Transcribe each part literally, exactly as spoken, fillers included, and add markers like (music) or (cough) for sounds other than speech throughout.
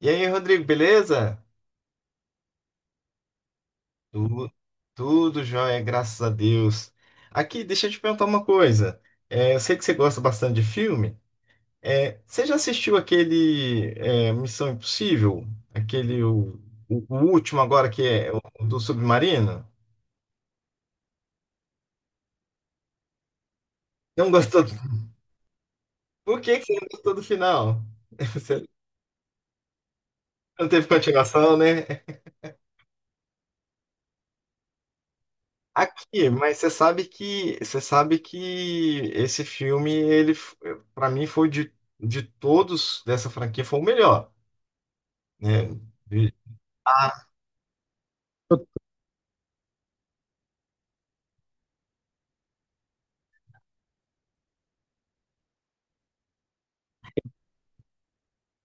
E aí, Rodrigo, beleza? Tu- Tudo jóia, graças a Deus. Aqui, deixa eu te perguntar uma coisa. É, eu sei que você gosta bastante de filme. É, você já assistiu aquele é, Missão Impossível? Aquele, o, o- o último agora, que é o do submarino? Não gostou? do- (laughs) Por que que você não gostou do final? (laughs) Você não teve continuação, né? Aqui, mas você sabe que você sabe que esse filme ele para mim foi de, de todos dessa franquia foi o melhor, né? De- Ah,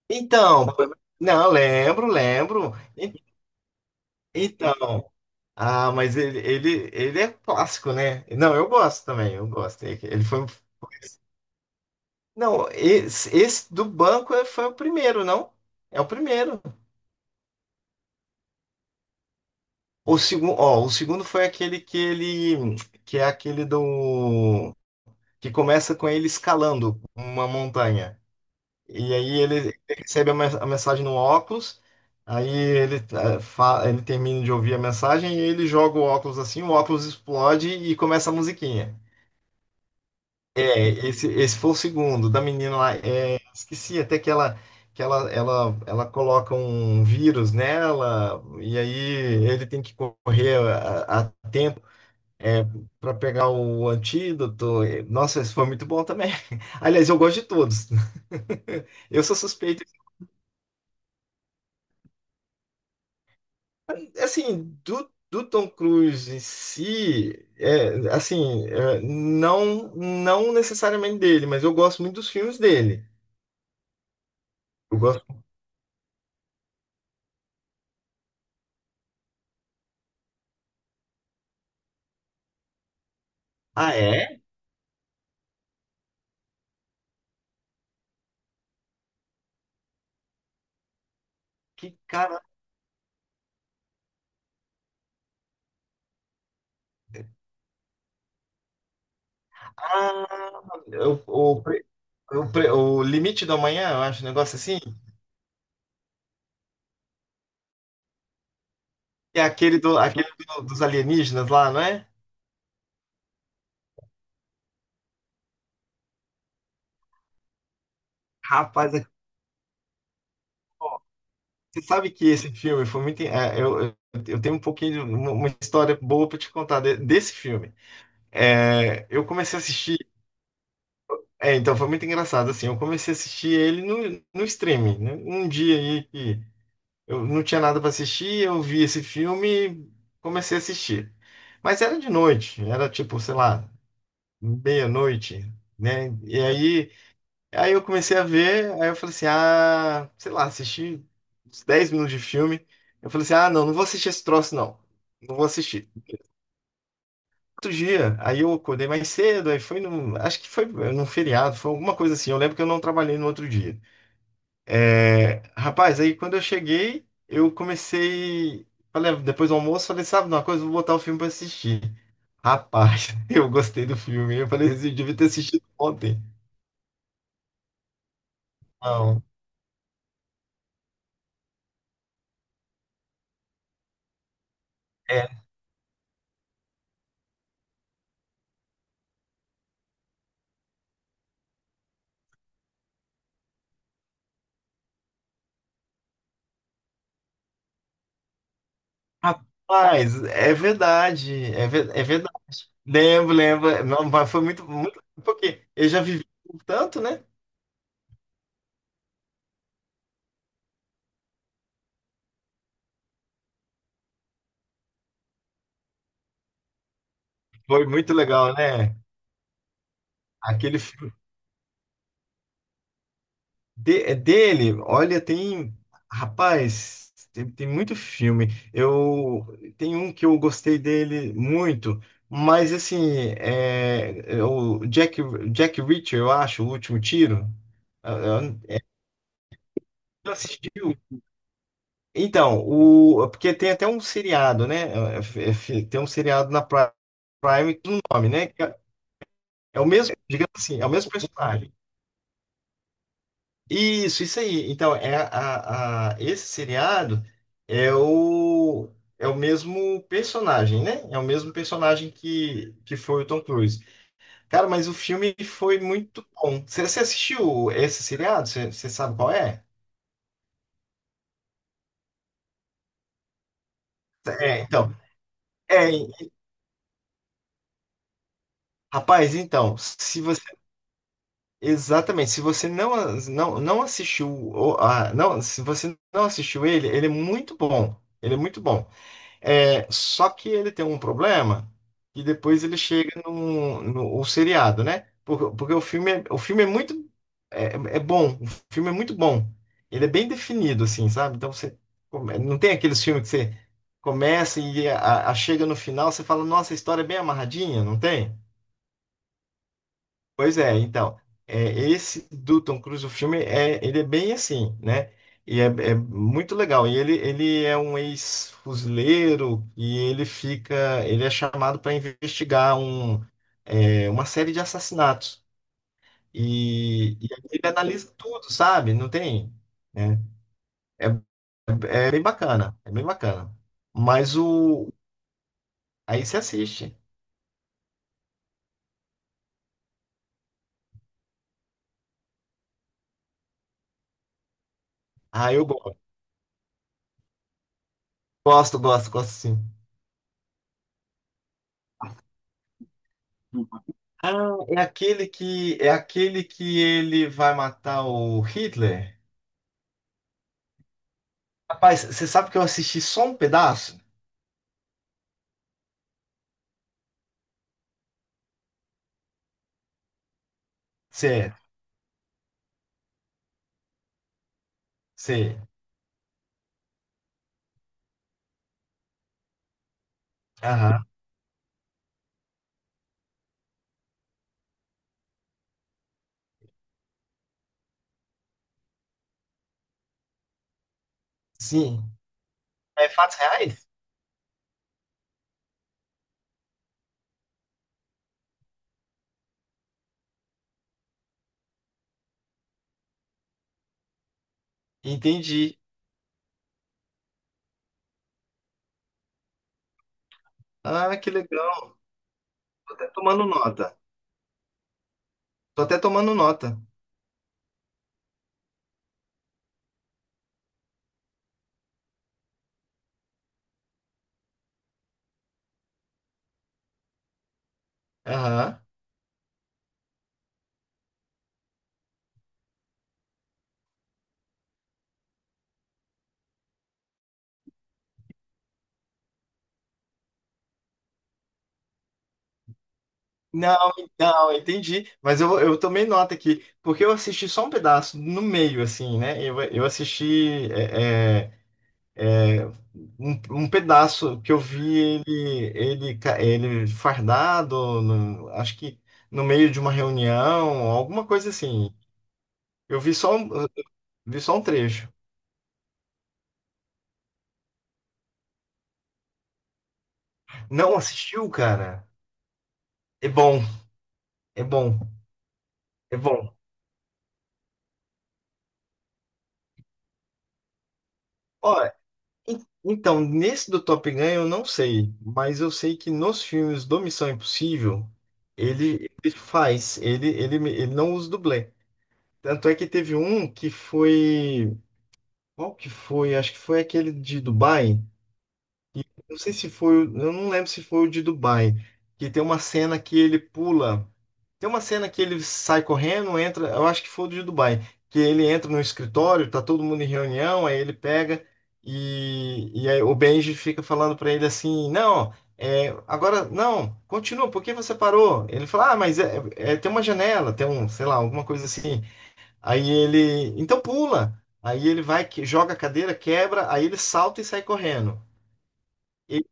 então, não, lembro, lembro. En- Então, ah, mas ele, ele, ele é clássico, né? Não, eu gosto também, eu gosto. Ele foi. Não, esse, esse do banco é- foi o primeiro, não? É o primeiro. O segundo, ó, o segundo foi aquele que ele que é aquele do que começa com ele escalando uma montanha. E aí ele ele recebe a mes- a mensagem no óculos, aí ele, eh, fa- ele termina de ouvir a mensagem e ele joga o óculos assim, o óculos explode e começa a musiquinha. É, esse, esse foi o segundo, da menina lá. É, esqueci até que ela, que ela, ela, ela coloca um vírus nela, e aí ele tem que correr a, a é, para pegar o antídoto. É, nossa, esse foi muito bom também. (laughs) Aliás, eu gosto de todos. (laughs) Eu sou suspeito. Assim, do, do Tom Cruise em si, é, assim, é, não, não necessariamente dele, mas eu gosto muito dos filmes dele. Eu gosto. Ah, é? Que cara. Ah, eu- o, pre- o, pre- o Limite da Manhã, eu acho, um negócio assim. É aquele, do, aquele do- dos alienígenas lá, não é? Rapaz, você sabe que esse filme foi muito. é, eu, eu eu tenho um pouquinho, de uma uma história boa pra te contar de- desse filme. É, eu comecei a assistir. É, então foi muito engraçado, assim. Eu comecei a assistir ele no, no streaming, né? Um dia aí que eu não tinha nada pra assistir, eu vi esse filme e comecei a assistir. Mas era de noite, era tipo, sei lá, meia-noite, né? E aí, aí eu comecei a ver, aí eu falei assim, ah, sei lá, assisti uns dez minutos de filme. Eu falei assim, ah, não, não vou assistir esse troço, não. Não vou assistir. Outro dia, aí eu acordei mais cedo, aí foi no, acho que foi num feriado, foi alguma coisa assim. Eu lembro que eu não trabalhei no outro dia. É, rapaz, aí quando eu cheguei, eu comecei, falei, "Ah, depois do almoço", falei, "sabe de uma coisa, vou botar o filme pra assistir". Rapaz, (laughs) eu gostei do filme. Eu falei assim, eu devia ter assistido ontem. Não. É, rapaz, é verdade, é, ve- é verdade. Lembro, lembro. Não, mas foi muito, muito, porque eu já vivi um tanto, né? Foi muito legal, né? Aquele filme de- é dele, olha, tem, rapaz, tem, tem muito filme. Eu tem um que eu gostei dele muito, mas assim, é, é o Jack, Jack Reacher, eu acho, o último tiro. Eu eu assisti. Então, o, porque tem até um seriado, né? É, é, é, Tem um seriado na Pri- Prime com o nome, né? Que É é o mesmo, digamos assim, é o mesmo personagem. Isso, isso aí. Então, é a, a- esse seriado é o, é o mesmo personagem, né? É o mesmo personagem que, que foi o Tom Cruise. Cara, mas o filme foi muito bom. Você você assistiu esse seriado? Você você sabe qual é? É, então. É, rapaz, então, se você. Exatamente. Se você não, as- não, não assistiu, o- a, não, se você não assistiu ele, ele é muito bom. Ele é muito bom. É, só que ele tem um problema que depois ele chega no, no, o seriado, né? Porque, porque o filme é, o filme é muito é, é bom. O filme é muito bom. Ele é bem definido, assim, sabe? Então você come- não tem aqueles filmes que você começa e a, a- chega no final, você fala, nossa, a história é bem amarradinha, não tem? Pois é, então, é, esse do Tom Cruise, o filme, é, ele é bem assim, né? E é, é muito legal. E ele, ele é um ex-fuzileiro e ele fica, ele é chamado para investigar um, é, uma série de assassinatos. E, e aí ele analisa tudo, sabe? Não tem, né? É, é bem bacana, é bem bacana. Mas o, aí você assiste. Ah, eu gosto, gosto, gosto, gosto sim. Ah, é aquele que é aquele que ele vai matar o Hitler. Rapaz, você sabe que eu assisti só um pedaço? Certo, sei. Aham. Sim. É fatos reais? Entendi. Ah, que legal. Tô até tomando nota. Tô até tomando nota. Aham. Não, não, entendi. Mas eu, eu tomei nota aqui, porque eu assisti só um pedaço, no meio, assim, né? Eu, eu assisti. é, é, É, Um, um pedaço que eu vi ele, ele, ca- ele fardado, no- acho que no meio de uma reunião, alguma coisa assim. Eu vi só, um- eu vi só um trecho. Não assistiu, cara? É bom, é bom, é bom. Ó, en- então, nesse do Top Gun eu não sei, mas eu sei que nos filmes do Missão Impossível, ele, ele faz, ele, ele, ele não usa dublê. Tanto é que teve um que foi. Qual que foi? Acho que foi aquele de Dubai. E não sei se foi, o- eu não lembro se foi o de Dubai. Que tem uma cena que ele pula. Tem uma cena que ele sai correndo, entra. Eu acho que foi o de Dubai. Que ele entra no escritório, tá todo mundo em reunião, aí ele pega e, e aí o Benji fica falando pra ele assim: "Não, é, agora não, continua, por que você parou?" Ele fala: "Ah, mas é, é- tem uma janela, tem um, sei lá, alguma coisa assim". Aí ele, então pula. Aí ele vai, que- joga a cadeira, quebra, aí ele salta e sai correndo. E-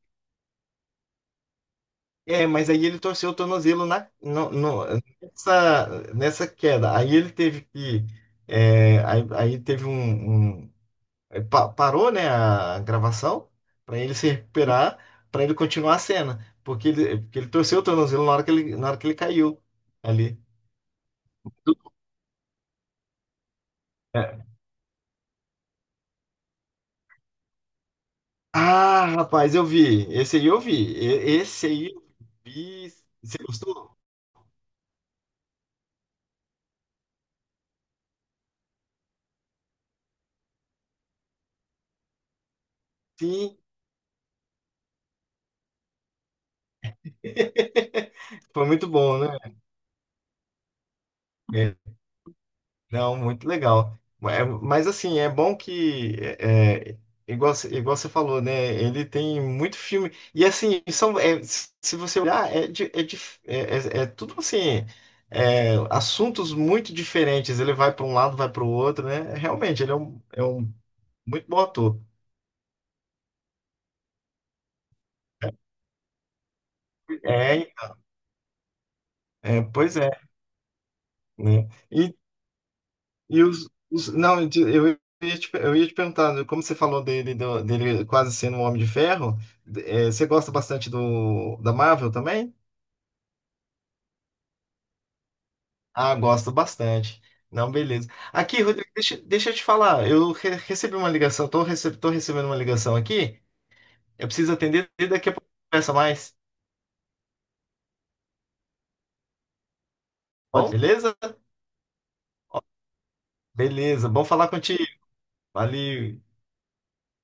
é, mas aí ele torceu o tornozelo na, no- no- nessa, nessa queda. Aí ele teve que, é, aí, aí teve um, um- é, pa- parou, né, a gravação para ele se recuperar, para ele continuar a cena, porque ele, porque ele torceu o tornozelo na hora que ele, na hora que ele caiu ali. Ah, rapaz, eu vi. Esse aí eu vi. E- Esse aí eu vi. Você gostou? Sim, (laughs) foi muito bom, né? É, não, muito legal. É, mas assim, é bom que, é, é, igual, você- igual você falou, né? Ele tem muito filme. E assim, são, é, se se você olhar, é, di- é, dif- é, é- é tudo assim, é, assuntos muito diferentes. Ele vai para um lado, vai para o outro, né? Realmente, ele é um, é um muito bom ator. É, é, pois é, né? E os, os não, eu te- eu ia te, eu ia te perguntar, né, como você falou dele, do- dele quase sendo um Homem de Ferro, eh, você gosta bastante do, da Marvel também? Ah, gosto bastante. Não, beleza. Aqui, Rodrigo, deixa, deixa eu te falar, eu re- recebi uma ligação, tô, rece, tô recebendo uma ligação aqui, eu preciso atender e daqui a pouco conversa mais. Bom, beleza? Beleza, bom falar contigo. Valeu.